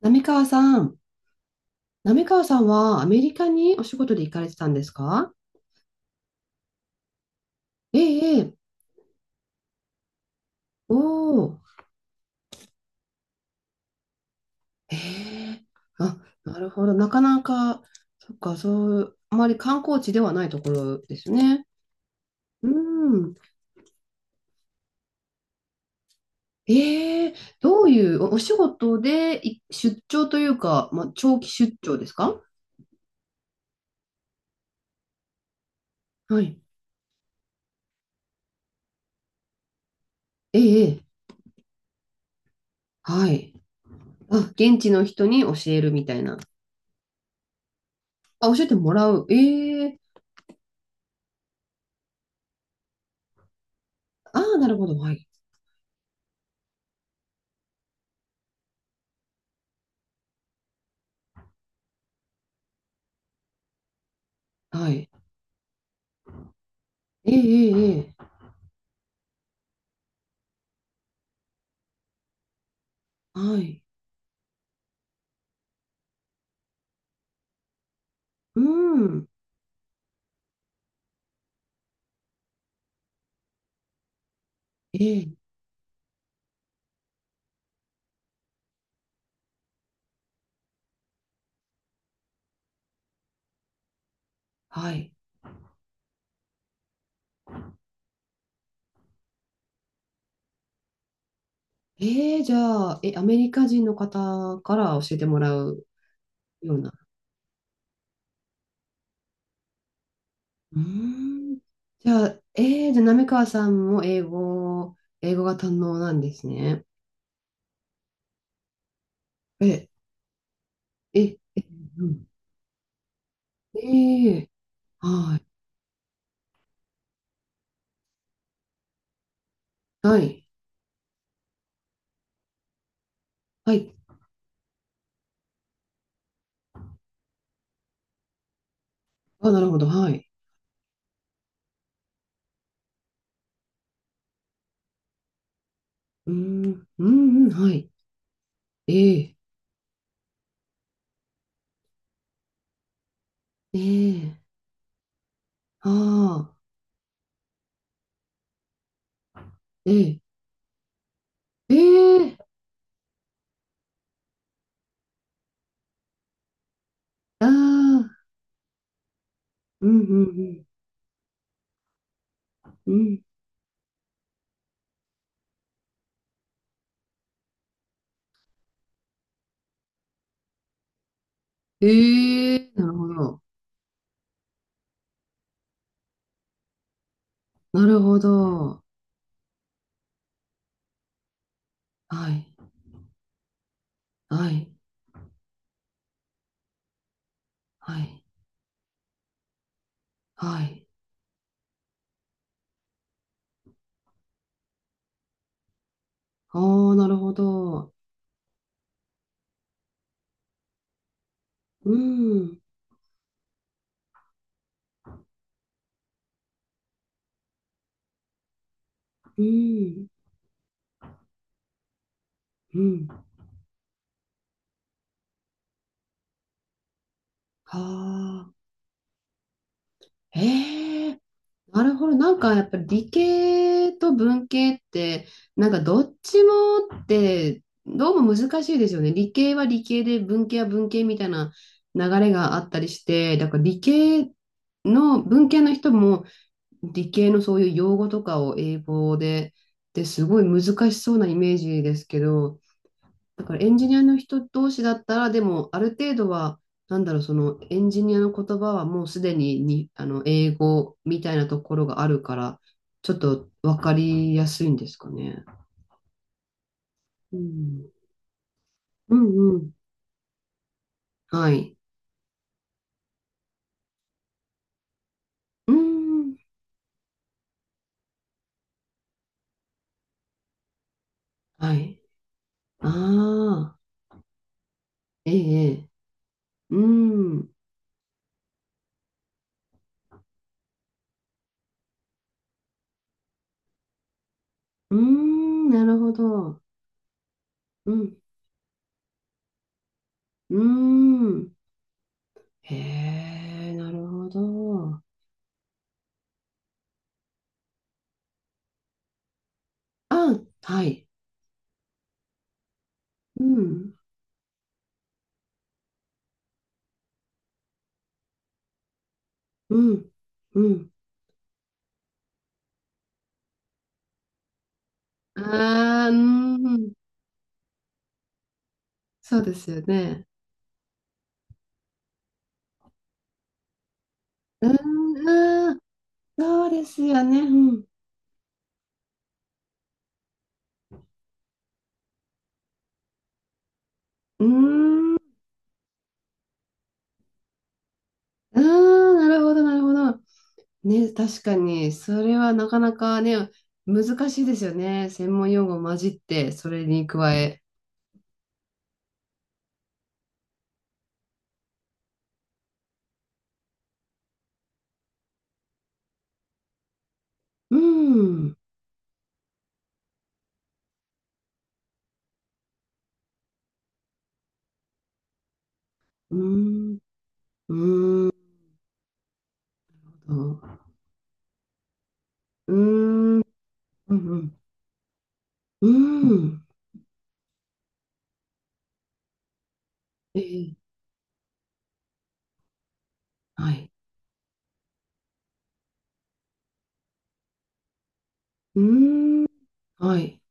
浪川さん、浪川さんはアメリカにお仕事で行かれてたんですか？ええ、ええ。おお。ええ、あ、なるほど、なかなか、そっか、そう、あまり観光地ではないところですね。うん、ええ、どういうお、お仕事でい出張というか、まあ、長期出張ですか？はい。ええ、ええ。はい。あ、現地の人に教えるみたいな。あ、教えてもらう。ええ、ああ、なるほど、はい。はい。ええ、ええ、ええ。はい。うん。ええ、はい。ええ、じゃあ、え、アメリカ人の方から教えてもらうような。うーん。じゃあ、ええ、じゃあ、滑川さんも英語、英語が堪能なんですね。え、え、うん。ええ、はい。はい。はい。あ、なるほど。はい。うーん。うん、うん、はい。ええ、ええ、ああ、ええ、ええ、ああ、うん、うん、うん。うん。ええ、なるほど。なるほど。はい、はい、はい、はい。ああ、なるほど。うん、うん、うん。ああ、ええ、なるほど。なんかやっぱり理系と文系って、なんかどっちもって、どうも難しいですよね。理系は理系で、文系は文系みたいな流れがあったりして、だから理系の文系の人も、理系のそういう用語とかを英語で、ですごい難しそうなイメージですけど、だからエンジニアの人同士だったら、でもある程度は、なんだろう、そのエンジニアの言葉はもうすでに、あの英語みたいなところがあるから、ちょっとわかりやすいんですかね。うん、うんうん。はい。うん。はい。ああ、ええ、ええ。うん。うん、なるほど。うん。うん。へえ、なるほど。あ、はい。うん、うん、うん。ああ、うん。そうですよね。うん、あー、そうですよね。うん。うん。ああ、なるほど、なるほど。ね、確かに、それはなかなかね、難しいですよね。専門用語混じって、それに加え。うん、うん、うん、うん、うん、うん、うん。ええ、はい。うーん、はい。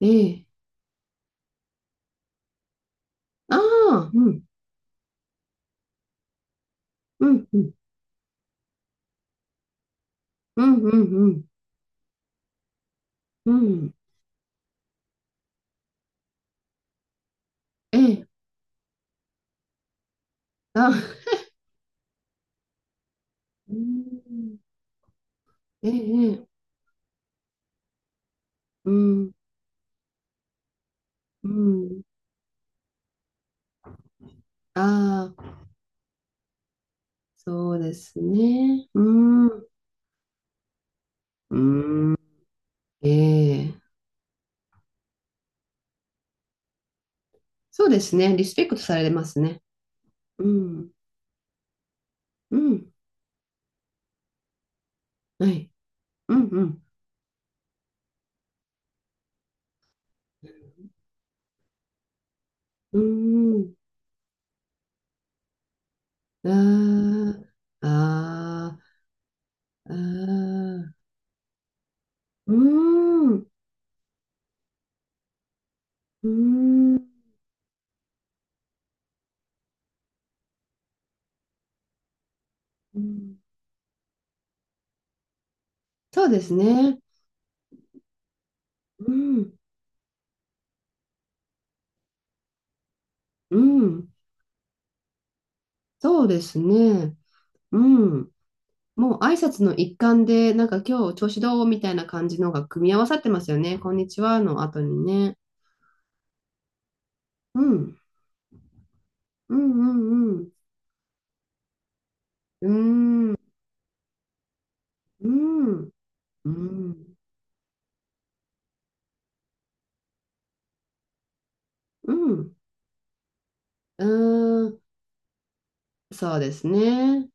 ええ。ああ、うん、うん、うん、うん、うん、うん、うん。ええ、あ、うん、ええ、ええ、うん、うん、ああ、そうですね。うん、うん、ええ、そうですね。リスペクトされますね。うん、うん、はい、うん、うん。うーん、ああ、ああ、ああ、うーん、うーん、うーん、そうですね。うん、うん、そうですね。うん。もう挨拶の一環で、なんか今日調子どうみたいな感じのが組み合わさってますよね。こんにちはの後にね。うん、うん、うん、うん。うーん、うん、うん、うん、うーん、そうですね。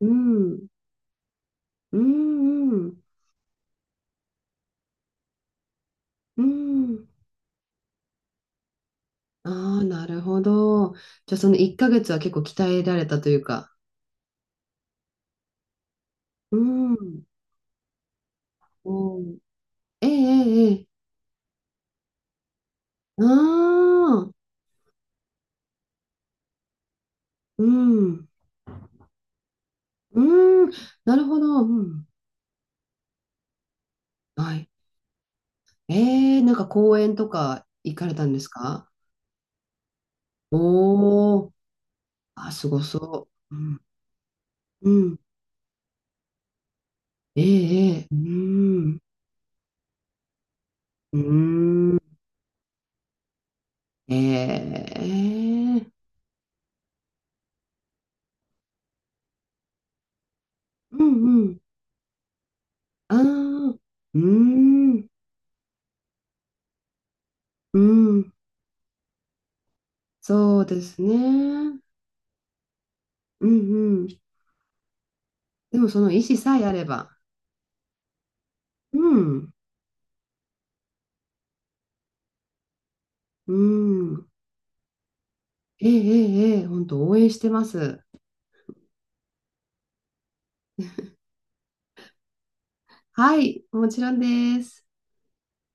うん、うん、うん、うん。あー、なるほど。じゃあその1ヶ月は結構鍛えられたというか。うん、うん。ええ、ええ、ええ。ああ、うん、うん、なるほど、うん、はい。えー、なんか公園とか行かれたんですか？おー、あ、すごそう。うん、うん、えー、えー、うん、うん、えー、うん、うん、ああ、うん、うん、そうですね。うん、うん。でもその意思さえあれば、うん、うん、えー、えー、えー、本当応援してます。はい、もちろんです。